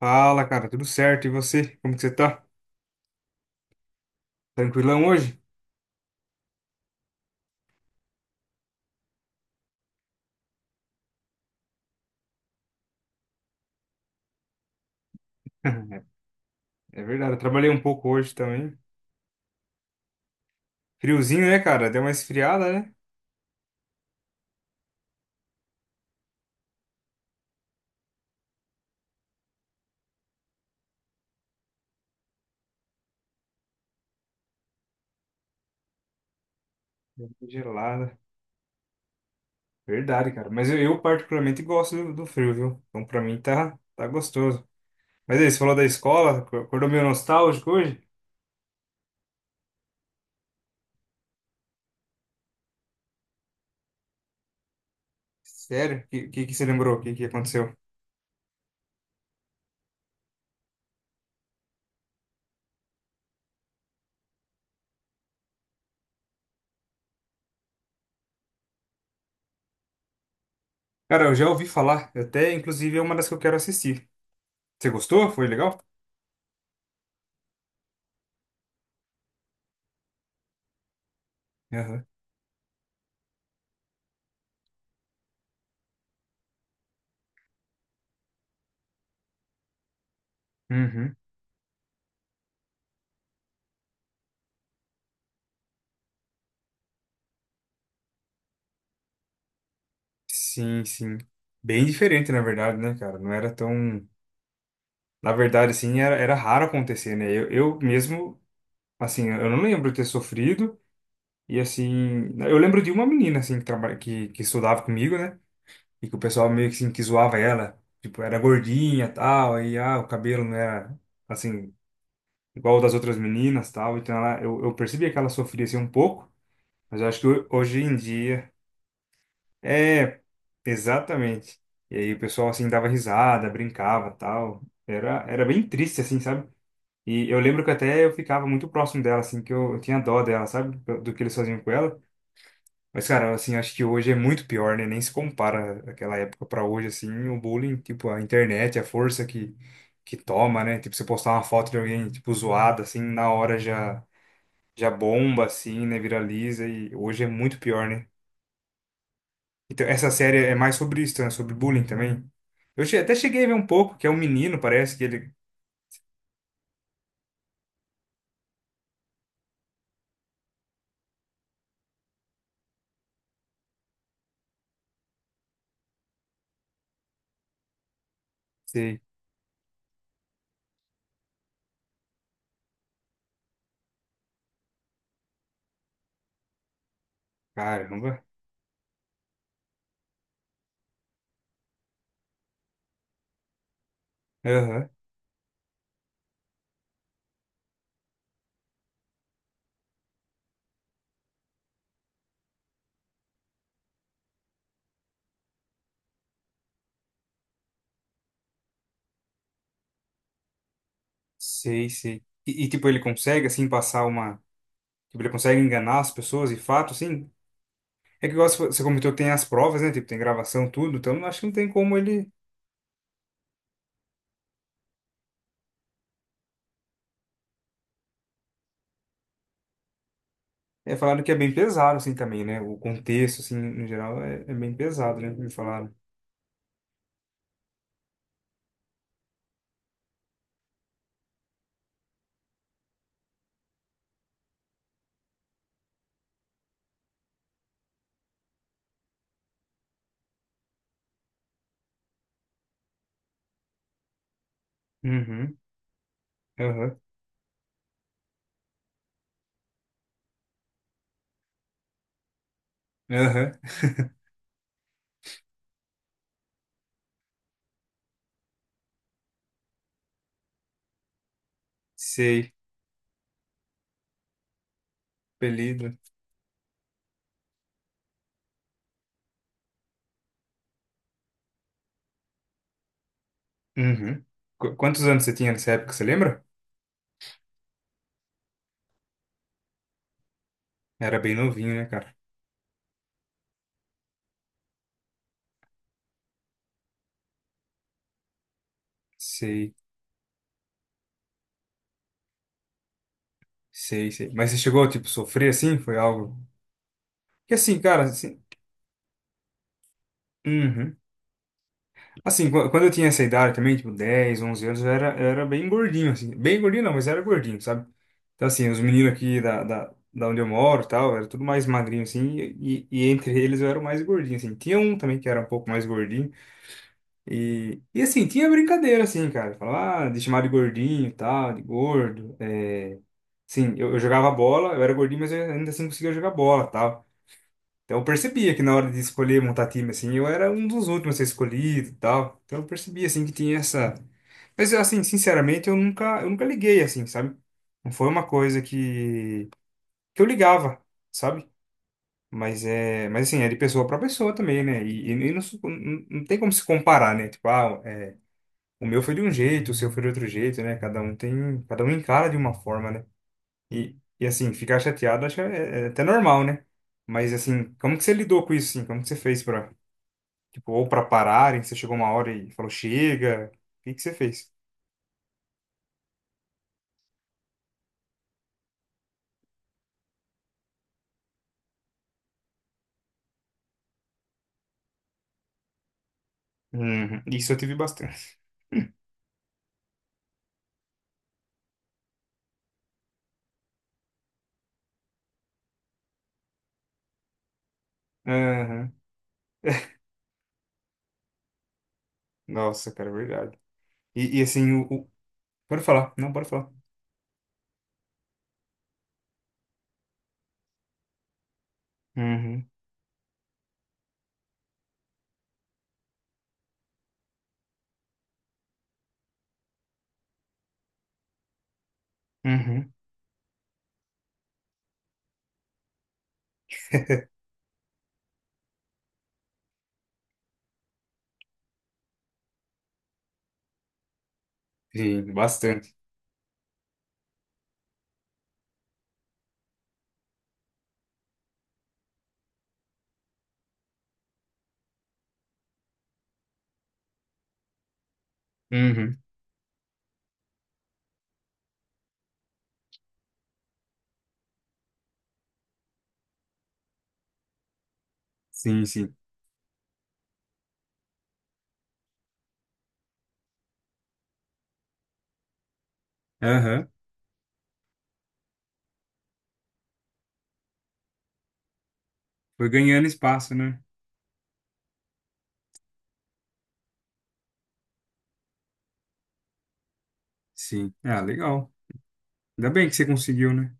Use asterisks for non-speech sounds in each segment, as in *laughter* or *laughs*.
Fala, cara, tudo certo? E você? Como que você tá? Tranquilão hoje? *laughs* É verdade, eu trabalhei um pouco hoje também. Friozinho, né, cara? Deu uma esfriada, né? Deu uma gelada. Verdade, cara. Mas eu particularmente gosto do frio, viu? Então pra mim tá gostoso. Mas aí, você falou da escola, acordou meio nostálgico hoje? Sério? O que, que você lembrou? O que, que aconteceu? Cara, eu já ouvi falar. Até, inclusive, é uma das que eu quero assistir. Você gostou? Foi legal? Aham. Uhum. Sim, sim. Bem diferente, na verdade, né, cara? Não era tão. Na verdade, assim, era raro acontecer, né? Eu mesmo, assim, eu não lembro de ter sofrido. E, assim, eu lembro de uma menina, assim, que estudava comigo, né? E que o pessoal meio que, assim, que zoava ela. Tipo, era gordinha e tal. Aí, ah, o cabelo não era, assim, igual o das outras meninas tal. Então, eu percebia que ela sofria, assim, um pouco. Mas eu acho que hoje em dia... É, exatamente. E aí o pessoal, assim, dava risada, brincava tal. Era bem triste, assim, sabe? E eu lembro que até eu ficava muito próximo dela, assim, que eu tinha dó dela, sabe? Do que eles faziam com ela. Mas, cara, assim, acho que hoje é muito pior, né? Nem se compara aquela época pra hoje, assim, o bullying, tipo, a internet, a força que toma, né? Tipo, você postar uma foto de alguém, tipo, zoada, assim, na hora já bomba, assim, né? Viraliza e hoje é muito pior, né? Então, essa série é mais sobre isso, né? Sobre bullying também. Eu até cheguei a ver um pouco, que é um menino, parece que ele... Sei, caramba. Aham. Sei, sei. Tipo, ele consegue, assim, passar uma. Tipo, ele consegue enganar as pessoas de fato, assim? É que igual você comentou tem as provas, né? Tipo, tem gravação, tudo. Então, acho que não tem como ele. É, falaram que é bem pesado, assim, também, né? O contexto, assim, no geral, é bem pesado, né? Me falaram. Uhum, aham, aham. *laughs* Sei, apelido. Uhum. Quantos anos você tinha nessa época, você lembra? Era bem novinho, né, cara? Sei, sei, sei. Mas você chegou, tipo, a sofrer assim? Foi algo. Que assim, cara, assim. Uhum. Assim, quando eu tinha essa idade também, tipo 10 11 anos, eu era bem gordinho, assim. Bem gordinho não, mas era gordinho, sabe? Então, assim, os meninos aqui da onde eu moro e tal, era tudo mais magrinho, assim, e entre eles eu era o mais gordinho, assim. Tinha um também que era um pouco mais gordinho, e assim, tinha brincadeira, assim, cara. Falar ah, de chamar de gordinho e tal, de gordo. É... Sim, eu jogava bola, eu era gordinho, mas eu ainda assim conseguia jogar bola e tal. Então eu percebia que na hora de escolher montar time, assim, eu era um dos últimos a ser escolhido e tal. Então eu percebia, assim, que tinha essa... Mas, assim, sinceramente, eu nunca liguei, assim, sabe? Não foi uma coisa que eu ligava, sabe? Mas, é, mas, assim, é de pessoa para pessoa também, né? E não, não tem como se comparar, né? Tipo, ah, é, o meu foi de um jeito, o seu foi de outro jeito, né? Cada um tem, cada um encara de uma forma, né? E assim, ficar chateado, acho que é até normal, né? Mas, assim, como que você lidou com isso, assim? Como que você fez para tipo, ou pra pararem, você chegou uma hora e falou, chega. O que que você fez? Uhum. Isso eu tive bastante. *laughs* Aham. Nossa, cara, é verdade. E assim, pode falar, não, pode falar. Uhum. Uhum. Sim, bastante. Uhum. Sim, sim. Aham. Foi ganhando espaço, né? Sim. Ah, legal. Ainda bem que você conseguiu, né?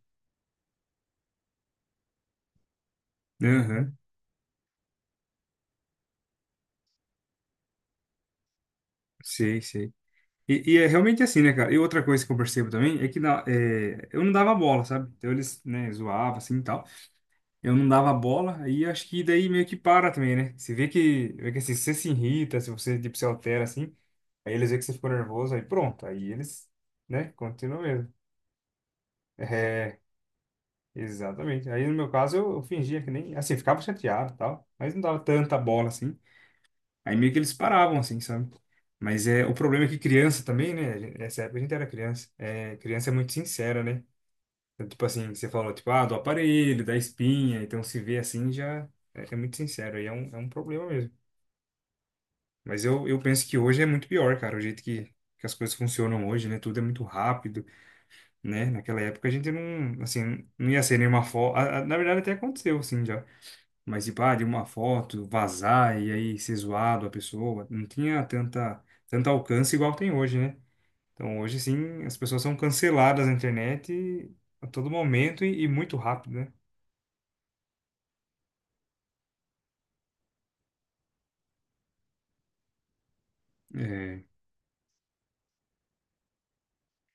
Aham. Sei, sei. E é realmente assim, né, cara? E outra coisa que eu percebo também é que eu não dava bola, sabe? Então eles, né, zoavam assim e tal. Eu não dava bola, aí acho que daí meio que para também, né? Você vê que, assim, se você se irrita, se você tipo, se altera assim, aí eles veem que você ficou nervoso, aí pronto, aí eles, né, continuam mesmo. *laughs* É, exatamente. Aí no meu caso eu fingia que nem, assim, ficava chateado e tal, mas não dava tanta bola assim. Aí meio que eles paravam assim, sabe? Mas é, o problema é que criança também, né? Nessa época a gente era criança. É, criança é muito sincera, né? Então, tipo assim, você falou, tipo, ah, do aparelho, da espinha, então se vê assim já é muito sincero, aí é um problema mesmo. Mas eu penso que hoje é muito pior, cara, o jeito que as coisas funcionam hoje, né? Tudo é muito rápido, né? Naquela época a gente não, assim, não ia ser nenhuma foto. Na verdade até aconteceu, assim, já. Mas, tipo, ah, de uma foto vazar e aí ser zoado a pessoa, não tinha tanto alcance igual tem hoje, né? Então hoje, sim, as pessoas são canceladas na internet a todo momento e muito rápido, né? É,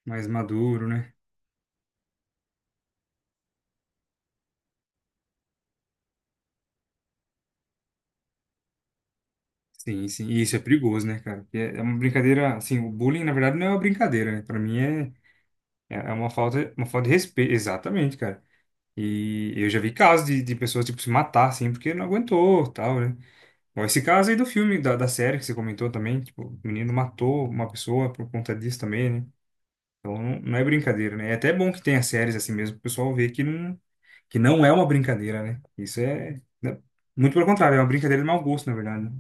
mais maduro, né? Sim, sim. E isso é perigoso, né, cara? Porque é uma brincadeira, assim, o bullying, na verdade, não é uma brincadeira, né? Pra mim é uma falta, de respeito. Exatamente, cara. E eu já vi casos de pessoas, tipo, se matar, assim, porque não aguentou, tal, né? Bom, esse caso aí do filme, da série que você comentou também, tipo, o menino matou uma pessoa por conta disso também, né? Então não, não é brincadeira, né? É até bom que tenha séries assim mesmo, pro pessoal ver que não é uma brincadeira, né? Isso é, né? Muito pelo contrário, é uma brincadeira de mau gosto, na verdade, né?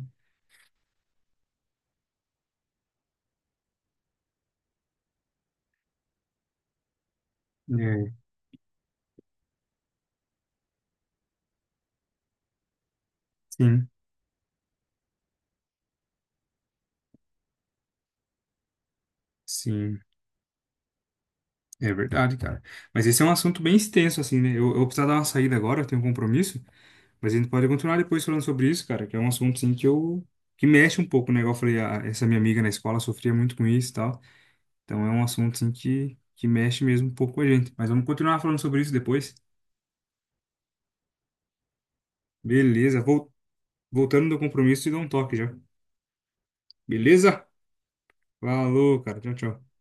É, sim, sim, é verdade, cara. Mas esse é um assunto bem extenso, assim, né? Eu vou precisar dar uma saída agora, eu tenho um compromisso, mas a gente pode continuar depois falando sobre isso, cara, que é um assunto, assim, que eu... que mexe um pouco, né? Igual eu falei, essa minha amiga na escola sofria muito com isso e tal, então é um assunto, assim, que mexe mesmo um pouco com a gente. Mas vamos continuar falando sobre isso depois. Beleza, voltando do compromisso, e dou um toque já. Beleza? Falou, cara, tchau, tchau.